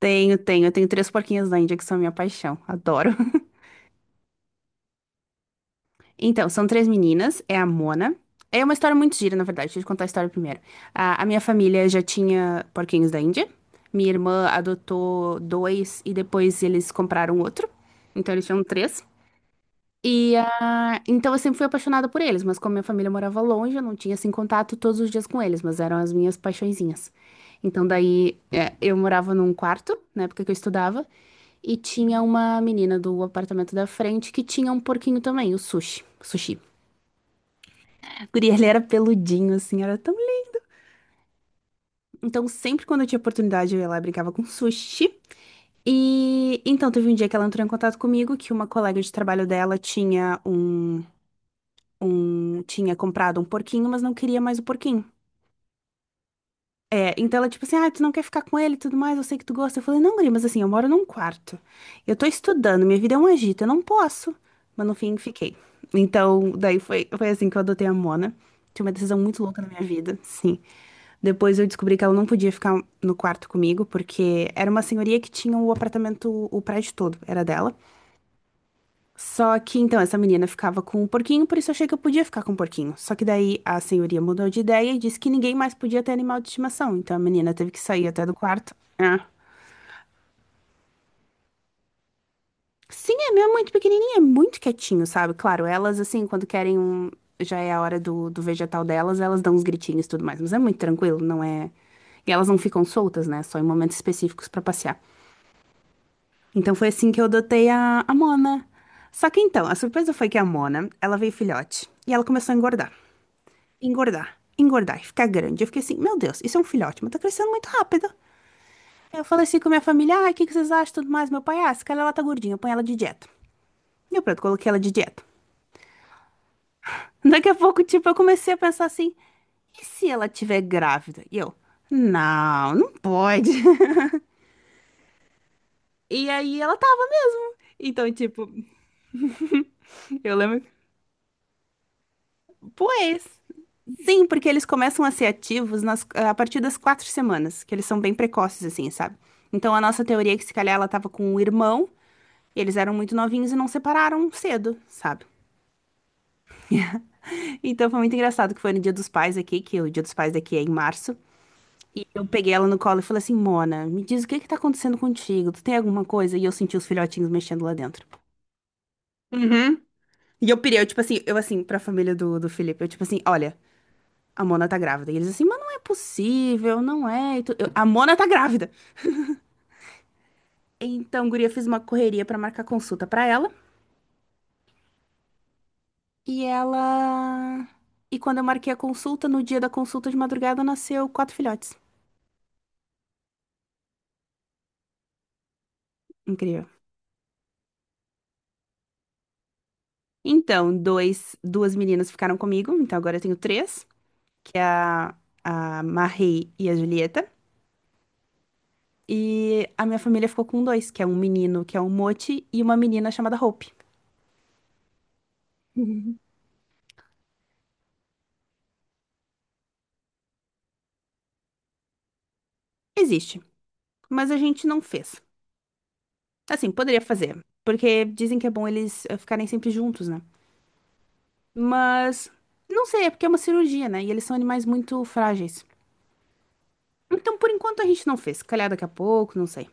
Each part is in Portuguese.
Tenho, tenho. Eu tenho três porquinhas da Índia que são minha paixão. Adoro. Então, são três meninas. É a Mona. É uma história muito gira, na verdade. Deixa eu te contar a história primeiro. A minha família já tinha porquinhos da Índia. Minha irmã adotou dois e depois eles compraram outro. Então, eles tinham três. E então eu sempre fui apaixonada por eles, mas como minha família morava longe, eu não tinha assim contato todos os dias com eles, mas eram as minhas paixõezinhas. Então daí é, eu morava num quarto, na época que eu estudava, e tinha uma menina do apartamento da frente que tinha um porquinho também, o Sushi. Sushi. A guria, ele era peludinho, assim, era tão lindo. Então, sempre quando eu tinha oportunidade, eu ia lá e brincava com o Sushi. E então, teve um dia que ela entrou em contato comigo, que uma colega de trabalho dela tinha tinha comprado um porquinho, mas não queria mais o porquinho. É, então ela, tipo assim, ah, tu não quer ficar com ele e tudo mais, eu sei que tu gosta. Eu falei, não, guria, mas assim, eu moro num quarto. Eu tô estudando, minha vida é um agito, eu não posso. Mas no fim, fiquei. Então, daí foi assim que eu adotei a Mona. Tinha uma decisão muito louca na minha vida, sim. Depois eu descobri que ela não podia ficar no quarto comigo, porque era uma senhoria que tinha o apartamento, o prédio todo, era dela. Só que então essa menina ficava com um porquinho, por isso eu achei que eu podia ficar com um porquinho. Só que daí a senhoria mudou de ideia e disse que ninguém mais podia ter animal de estimação. Então a menina teve que sair até do quarto. É. Sim, é meu, é muito pequenininho, é muito quietinho, sabe? Claro, elas assim, quando querem um. Já é a hora do vegetal delas, elas dão uns gritinhos e tudo mais. Mas é muito tranquilo, não é. E elas não ficam soltas, né? Só em momentos específicos pra passear. Então foi assim que eu adotei a Mona. Só que então, a surpresa foi que a Mona, ela veio filhote e ela começou a engordar. Engordar, engordar e ficar grande. Eu fiquei assim, meu Deus, isso é um filhote, mas tá crescendo muito rápido. Aí eu falei assim com minha família, ai, o que que vocês acham e tudo mais? Meu pai, ah, essa cara ela tá gordinha, põe ela de dieta. E eu pronto, coloquei ela de dieta. Daqui a pouco, tipo, eu comecei a pensar assim, e se ela tiver grávida? E eu, não, não pode. E aí ela tava. Então, tipo, eu lembro, pois. Sim, porque eles começam a ser ativos a partir das 4 semanas, que eles são bem precoces, assim, sabe? Então, a nossa teoria é que se calhar ela tava com um irmão, e eles eram muito novinhos e não separaram cedo, sabe? Então foi muito engraçado que foi no Dia dos Pais aqui, que o Dia dos Pais daqui é em março. E eu peguei ela no colo e falei assim, Mona, me diz o que é que tá acontecendo contigo? Tu tem alguma coisa? E eu senti os filhotinhos mexendo lá dentro. Uhum. E eu pirei, eu tipo assim, eu assim, pra família do Felipe, eu tipo assim, olha, a Mona tá grávida. E eles assim, mas não é possível, não é. E eu, a Mona tá grávida. Então, guria, fiz uma correria pra marcar consulta pra ela. E ela. E quando eu marquei a consulta, no dia da consulta de madrugada, nasceu quatro filhotes. Incrível. Então, dois, duas meninas ficaram comigo, então agora eu tenho três, que é a Marie e a Julieta. E a minha família ficou com dois, que é um menino, que é o Moti, e uma menina chamada Hope. Existe, mas a gente não fez. Assim, poderia fazer, porque dizem que é bom eles ficarem sempre juntos, né? Mas não sei, é porque é uma cirurgia, né? E eles são animais muito frágeis. Então, por enquanto, a gente não fez. Se calhar daqui a pouco, não sei.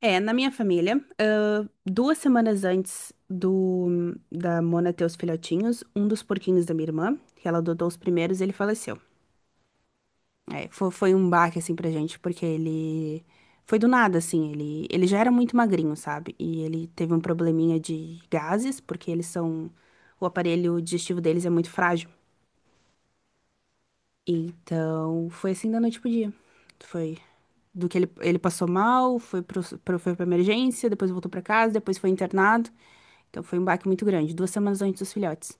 É, na minha família, 2 semanas antes do da Mona ter os filhotinhos, um dos porquinhos da minha irmã, que ela adotou os primeiros, ele faleceu. É, foi um baque, assim, pra gente, porque ele... Foi do nada, assim, ele já era muito magrinho, sabe? E ele teve um probleminha de gases, porque eles são... O aparelho digestivo deles é muito frágil. Então, foi assim da noite pro dia. Foi do que ele passou mal, foi foi pra emergência, depois voltou pra casa, depois foi internado. Então, foi um baque muito grande, 2 semanas antes dos filhotes.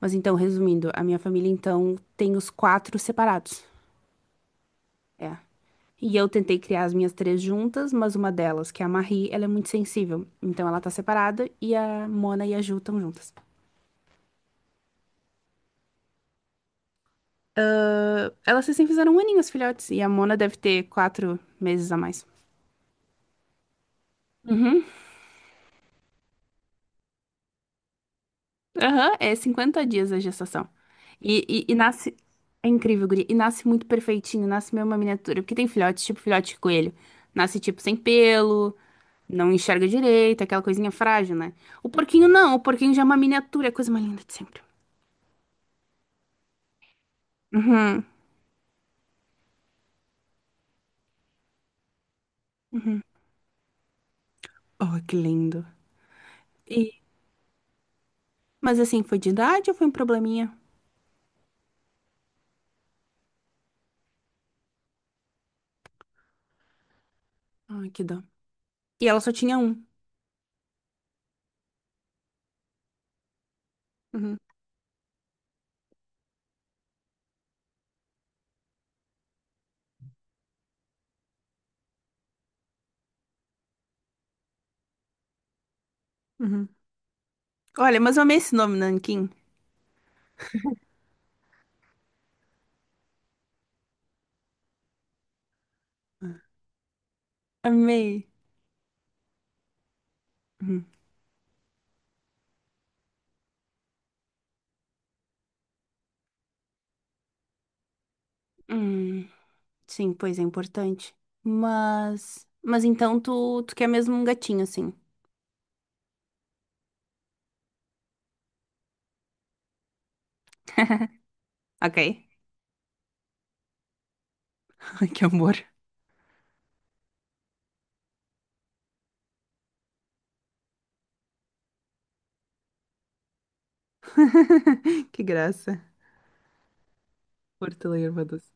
Mas então, resumindo, a minha família, então, tem os quatro separados. É. E eu tentei criar as minhas três juntas, mas uma delas, que é a Marie, ela é muito sensível. Então, ela tá separada e a Mona e a Ju estão juntas. Elas recém fizeram um aninho, as filhotes, e a Mona deve ter 4 meses a mais. Uhum. Aham, é 50 dias a gestação. E nasce. É incrível, guria. E nasce muito perfeitinho, nasce meio uma miniatura. Porque tem filhotes, tipo filhote de coelho. Nasce, tipo, sem pelo, não enxerga direito, aquela coisinha frágil, né? O porquinho não, o porquinho já é uma miniatura, é a coisa mais linda de sempre. Oh, que lindo. E... Mas assim, foi de idade ou foi um probleminha? Ai, que dó. E ela só tinha um. Uhum, uhum. Olha, mas eu amei esse nome, Nanquim. Amei. Hum. Sim, pois é importante. Mas. Então tu, tu quer mesmo um gatinho, assim. Ok. Ai, que amor. Que graça. Hortelã e erva doce.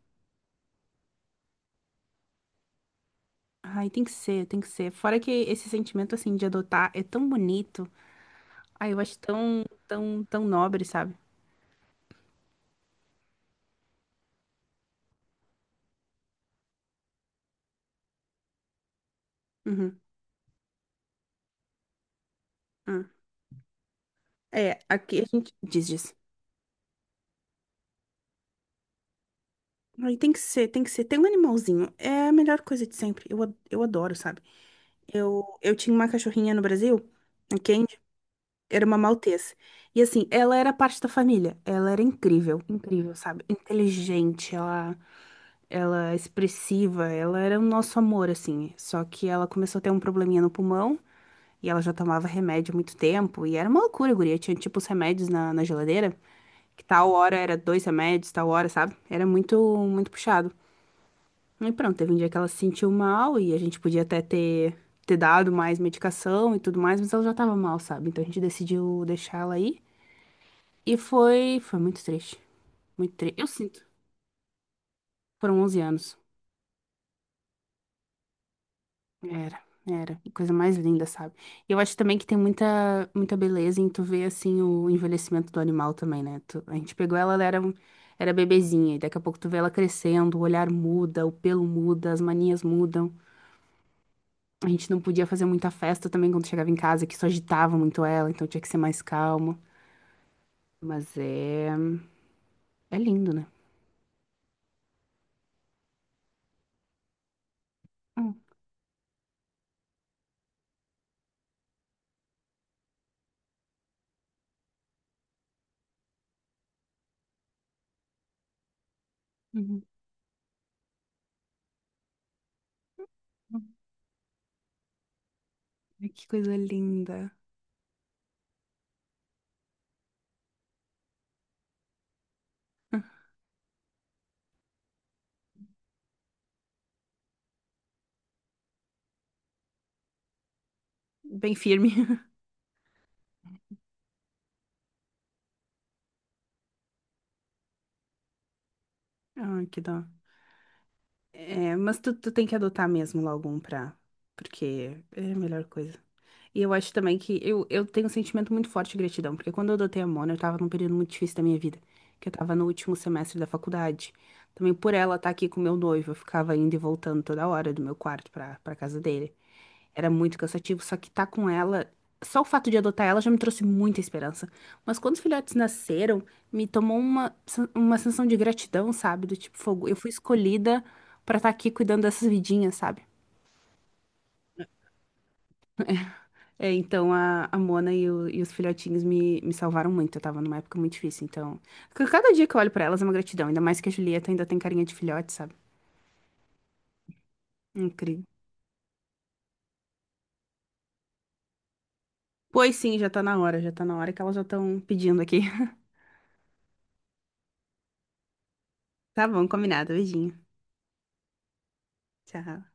Ai, tem que ser, tem que ser. Fora que esse sentimento, assim, de adotar é tão bonito. Ai, eu acho tão, tão, tão nobre, sabe? Uhum. Uhum. É, aqui a gente diz, diz. Ai, tem que ser, tem que ser. Tem um animalzinho. É a melhor coisa de sempre. Eu, eu adoro, sabe? Eu tinha uma cachorrinha no Brasil, ok? Era uma maltese. E assim, ela era parte da família. Ela era incrível, incrível, sabe? Inteligente, ela é expressiva, ela era o nosso amor, assim. Só que ela começou a ter um probleminha no pulmão e ela já tomava remédio há muito tempo. E era uma loucura, guria. Tinha tipo os remédios na geladeira, que tal hora era dois remédios, tal hora, sabe? Era muito, muito puxado. E pronto, teve um dia que ela se sentiu mal e a gente podia até ter, dado mais medicação e tudo mais, mas ela já tava mal, sabe? Então a gente decidiu deixar ela aí. E foi muito triste. Muito triste. Eu sinto. Foram 11 anos. Era, era. A coisa mais linda, sabe? E eu acho também que tem muita, muita beleza em tu ver, assim, o envelhecimento do animal também, né? A gente pegou ela, ela era, era bebezinha. E daqui a pouco tu vê ela crescendo, o olhar muda, o pelo muda, as manias mudam. A gente não podia fazer muita festa também quando chegava em casa, que só agitava muito ela, então tinha que ser mais calmo. Mas é, é lindo, né? Hum, uhum, uhum. Ai, que coisa linda. Bem firme. Ai, que dó. É, mas tu, tu tem que adotar mesmo logo um pra. Porque é a melhor coisa. E eu acho também que eu, tenho um sentimento muito forte de gratidão, porque quando eu adotei a Mona, eu tava num período muito difícil da minha vida, que eu tava no último semestre da faculdade. Também por ela estar aqui com meu noivo, eu ficava indo e voltando toda hora do meu quarto pra, casa dele. Era muito cansativo, só que tá com ela. Só o fato de adotar ela já me trouxe muita esperança. Mas quando os filhotes nasceram, me tomou uma sensação de gratidão, sabe? Do tipo, fogo. Eu fui escolhida pra estar aqui cuidando dessas vidinhas, sabe? É, então a Mona e, e os filhotinhos me salvaram muito. Eu tava numa época muito difícil, então. Cada dia que eu olho pra elas é uma gratidão, ainda mais que a Julieta ainda tem carinha de filhote, sabe? Incrível. Pois sim, já tá na hora, já tá na hora que elas já estão pedindo aqui. Tá bom, combinado. Beijinho. Tchau.